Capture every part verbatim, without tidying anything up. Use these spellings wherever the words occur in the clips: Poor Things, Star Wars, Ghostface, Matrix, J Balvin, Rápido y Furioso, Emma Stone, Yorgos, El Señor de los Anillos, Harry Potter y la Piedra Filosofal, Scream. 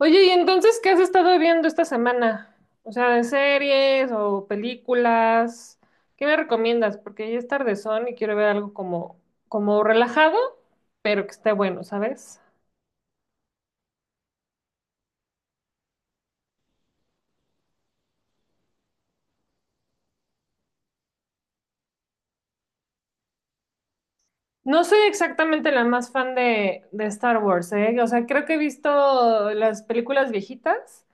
Oye, ¿y entonces qué has estado viendo esta semana? O sea, de series o películas. ¿Qué me recomiendas? Porque ya es tardezón y quiero ver algo como, como relajado, pero que esté bueno, ¿sabes? No soy exactamente la más fan de, de Star Wars, ¿eh? O sea, creo que he visto las películas viejitas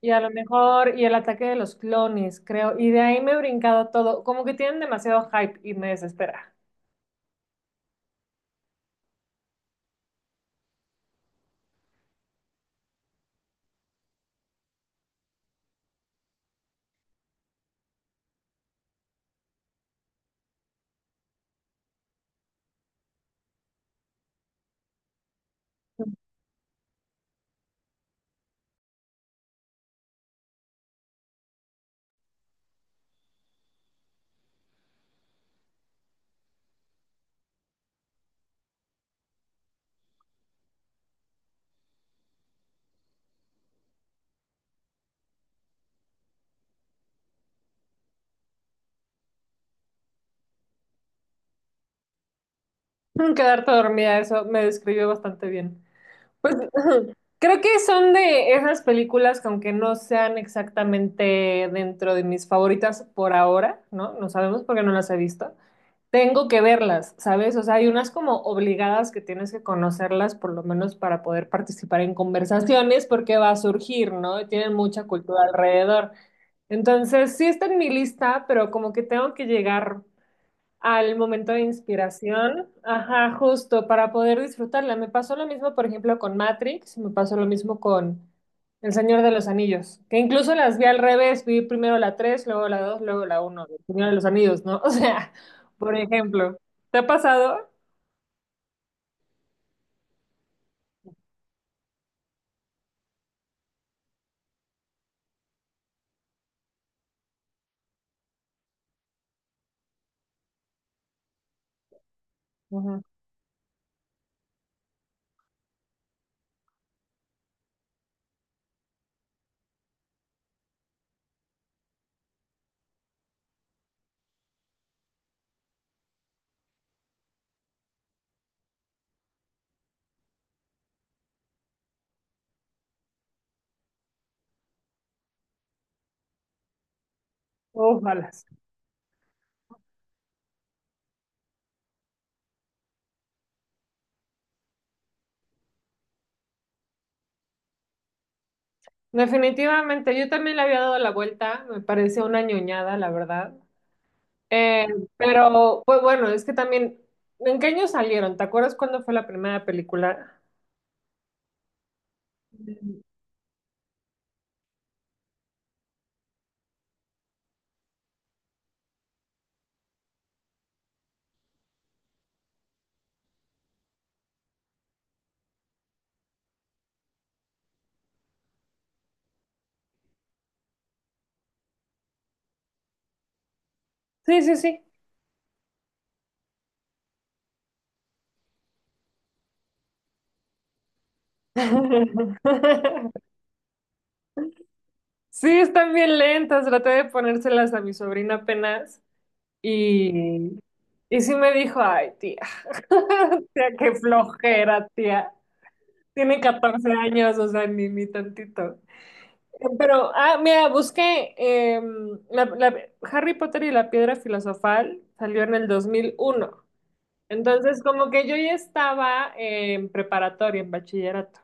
y a lo mejor y el ataque de los clones, creo. Y de ahí me he brincado todo. Como que tienen demasiado hype y me desespera. Quedarte dormida, eso me describió bastante bien. Pues ujú, creo que son de esas películas que aunque no sean exactamente dentro de mis favoritas por ahora, ¿no? No sabemos porque no las he visto. Tengo que verlas, ¿sabes? O sea, hay unas como obligadas que tienes que conocerlas por lo menos para poder participar en conversaciones porque va a surgir, ¿no? Y tienen mucha cultura alrededor. Entonces, sí está en mi lista, pero como que tengo que llegar al momento de inspiración, ajá, justo para poder disfrutarla. Me pasó lo mismo, por ejemplo, con Matrix, me pasó lo mismo con El Señor de los Anillos, que incluso las vi al revés, vi primero la tres, luego la dos, luego la uno. El Señor de los Anillos, ¿no? O sea, por ejemplo, ¿te ha pasado? Ujú. Ojalá. Definitivamente, yo también le había dado la vuelta, me parece una ñoñada, la verdad. Eh, pero, pues bueno, es que también, ¿en qué año salieron? ¿Te acuerdas cuándo fue la primera película? Sí, sí, sí. Sí, están bien lentas. Traté de ponérselas a mi sobrina apenas y, y sí me dijo, ay, tía, tía, qué flojera, tía. Tiene catorce años, o sea, ni, ni tantito. Pero, ah, mira, busqué em, la- la- Harry Potter y la Piedra Filosofal, salió en el dos mil uno. Entonces, como que yo ya estaba en preparatoria, en bachillerato,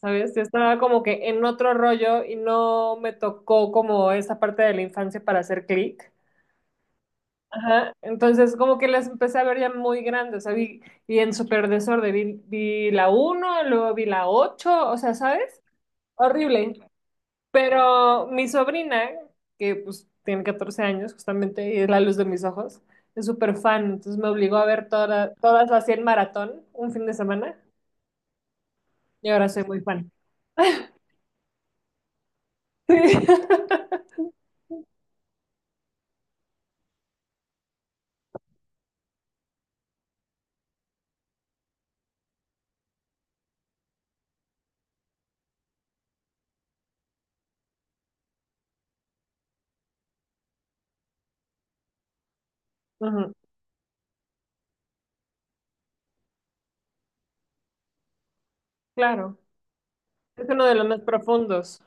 ¿sabes? Yo estaba como que en otro rollo y no me tocó como esa parte de la infancia para hacer clic. Ajá. Entonces, como que las empecé a ver ya muy grandes, o sea, vi, vi en súper desorden, vi, vi la uno, luego vi la ocho, o sea, ¿sabes? Horrible. Pero mi sobrina, que pues tiene catorce años justamente y es la luz de mis ojos, es súper fan, entonces me obligó a ver toda- todas las cien maratón un fin de semana y ahora soy muy fan. Sí. Ujú, claro, es uno de los más profundos.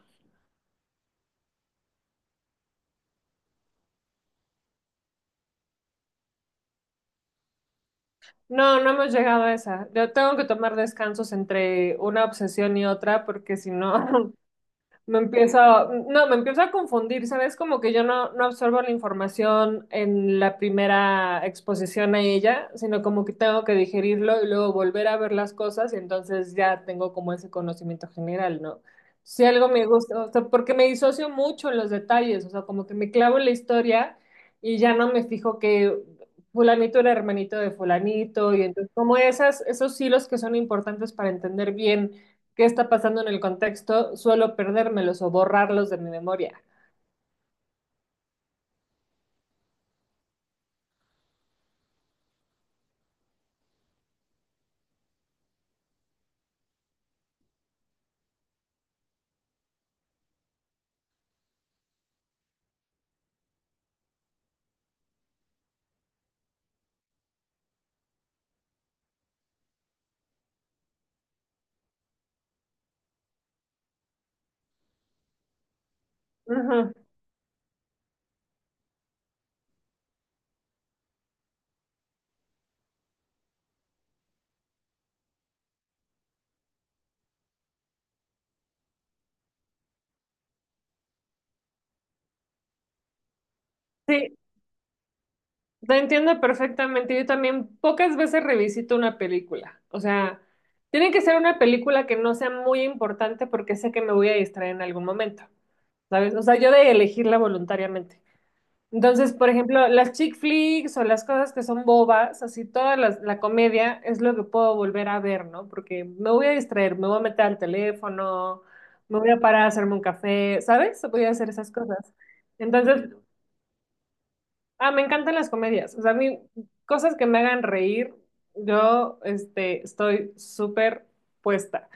No, no hemos llegado a esa. Yo tengo que tomar descansos entre una obsesión y otra porque si no, me empieza, no, me empieza a confundir, ¿sabes? Como que yo no, no absorbo la información en la primera exposición a ella, sino como que tengo que digerirlo y luego volver a ver las cosas y entonces ya tengo como ese conocimiento general, ¿no? Si algo me gusta, o sea, porque me disocio mucho en los detalles, o sea, como que me clavo en la historia y ya no me fijo que fulanito era hermanito de fulanito y entonces como esas, esos hilos que son importantes para entender bien qué está pasando en el contexto, suelo perdérmelos o borrarlos de mi memoria. Ujú. Sí, te entiendo perfectamente. Yo también pocas veces revisito una película. O sea, tiene que ser una película que no sea muy importante porque sé que me voy a distraer en algún momento, ¿sabes? O sea, yo de elegirla voluntariamente. Entonces, por ejemplo, las chick flicks o las cosas que son bobas, así toda la, la comedia es lo que puedo volver a ver, ¿no? Porque me voy a distraer, me voy a meter al teléfono, me voy a parar a hacerme un café, ¿sabes? Voy a hacer esas cosas. Entonces, ah, me encantan las comedias. O sea, a mí, cosas que me hagan reír, yo, este, estoy súper puesta.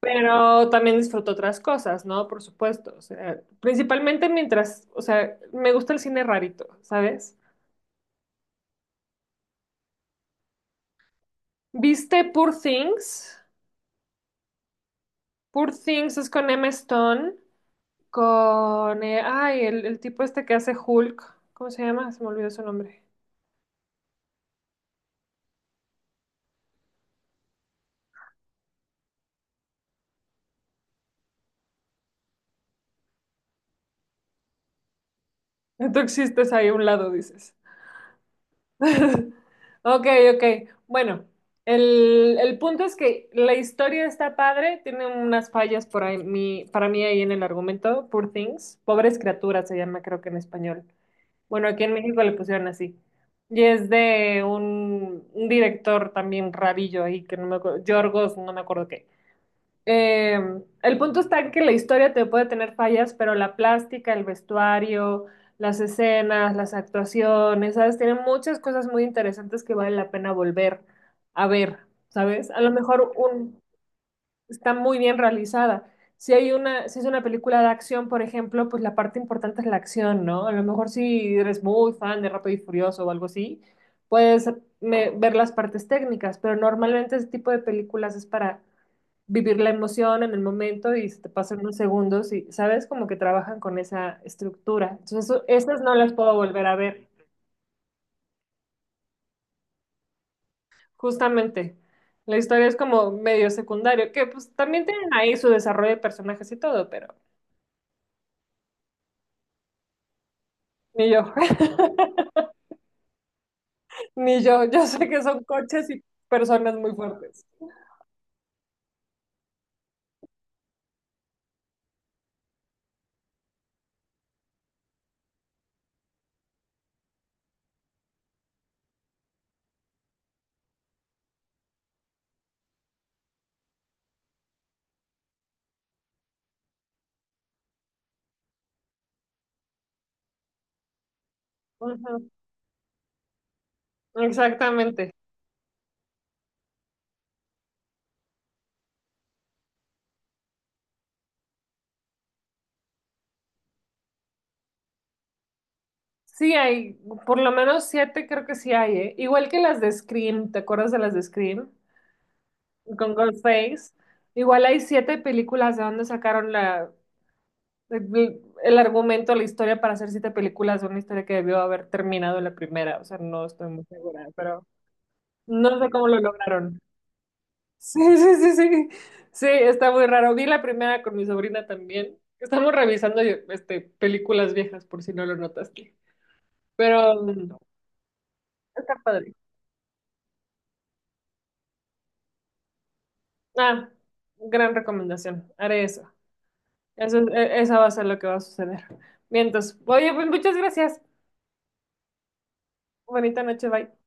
Pero también disfruto otras cosas, ¿no? Por supuesto. O sea, principalmente mientras, o sea, me gusta el cine rarito, ¿sabes? ¿Viste Poor Things? Poor Things es con Emma Stone, con... eh, ay, el, el tipo este que hace Hulk. ¿Cómo se llama? Se me olvidó su nombre. Tú existes ahí a un lado, dices. Ok, ok. Bueno, el, el punto es que la historia está padre, tiene unas fallas por ahí, mi- para mí ahí en el argumento, Poor Things. Pobres criaturas se llama creo que en español. Bueno, aquí en México le pusieron así. Y es de un, un director también rabillo ahí, que no me acuerdo, Yorgos, no me acuerdo qué. Eh, el punto está en que la historia te puede tener fallas, pero la plástica, el vestuario, las escenas, las actuaciones, ¿sabes? Tiene muchas cosas muy interesantes que vale la pena volver a ver, ¿sabes? A lo mejor un, está muy bien realizada. Si hay una, si es una película de acción, por ejemplo, pues la parte importante es la acción, ¿no? A lo mejor si eres muy fan de Rápido y Furioso o algo así, puedes me- ver las partes técnicas, pero normalmente ese tipo de películas es para vivir la emoción en el momento y se te pasan unos segundos y, ¿sabes? Como que trabajan con esa estructura. Entonces, eso- esas no las puedo volver a ver, justamente. La historia es como medio secundario, que pues también tienen ahí su desarrollo de personajes y todo, pero... Ni yo, ni yo. Yo sé que son coches y personas muy fuertes. Ujú, exactamente. Sí hay, por lo menos siete creo que sí hay, ¿eh? Igual que las de Scream, ¿te acuerdas de las de Scream? Con Ghostface. Igual hay siete películas de donde sacaron la, el, el argumento, la historia para hacer siete películas de una historia que debió haber terminado en la primera. O sea, no estoy muy segura, pero no sé cómo lo lograron. Sí, sí, sí, sí. Sí, está muy raro. Vi la primera con mi sobrina también. Estamos revisando este, películas viejas, por si no lo notaste. Pero mm, está padre. Ah, gran recomendación. Haré eso. Eso, e- esa va a ser lo que va a suceder. Bien, entonces, oye, pues muchas gracias. Bonita noche, bye.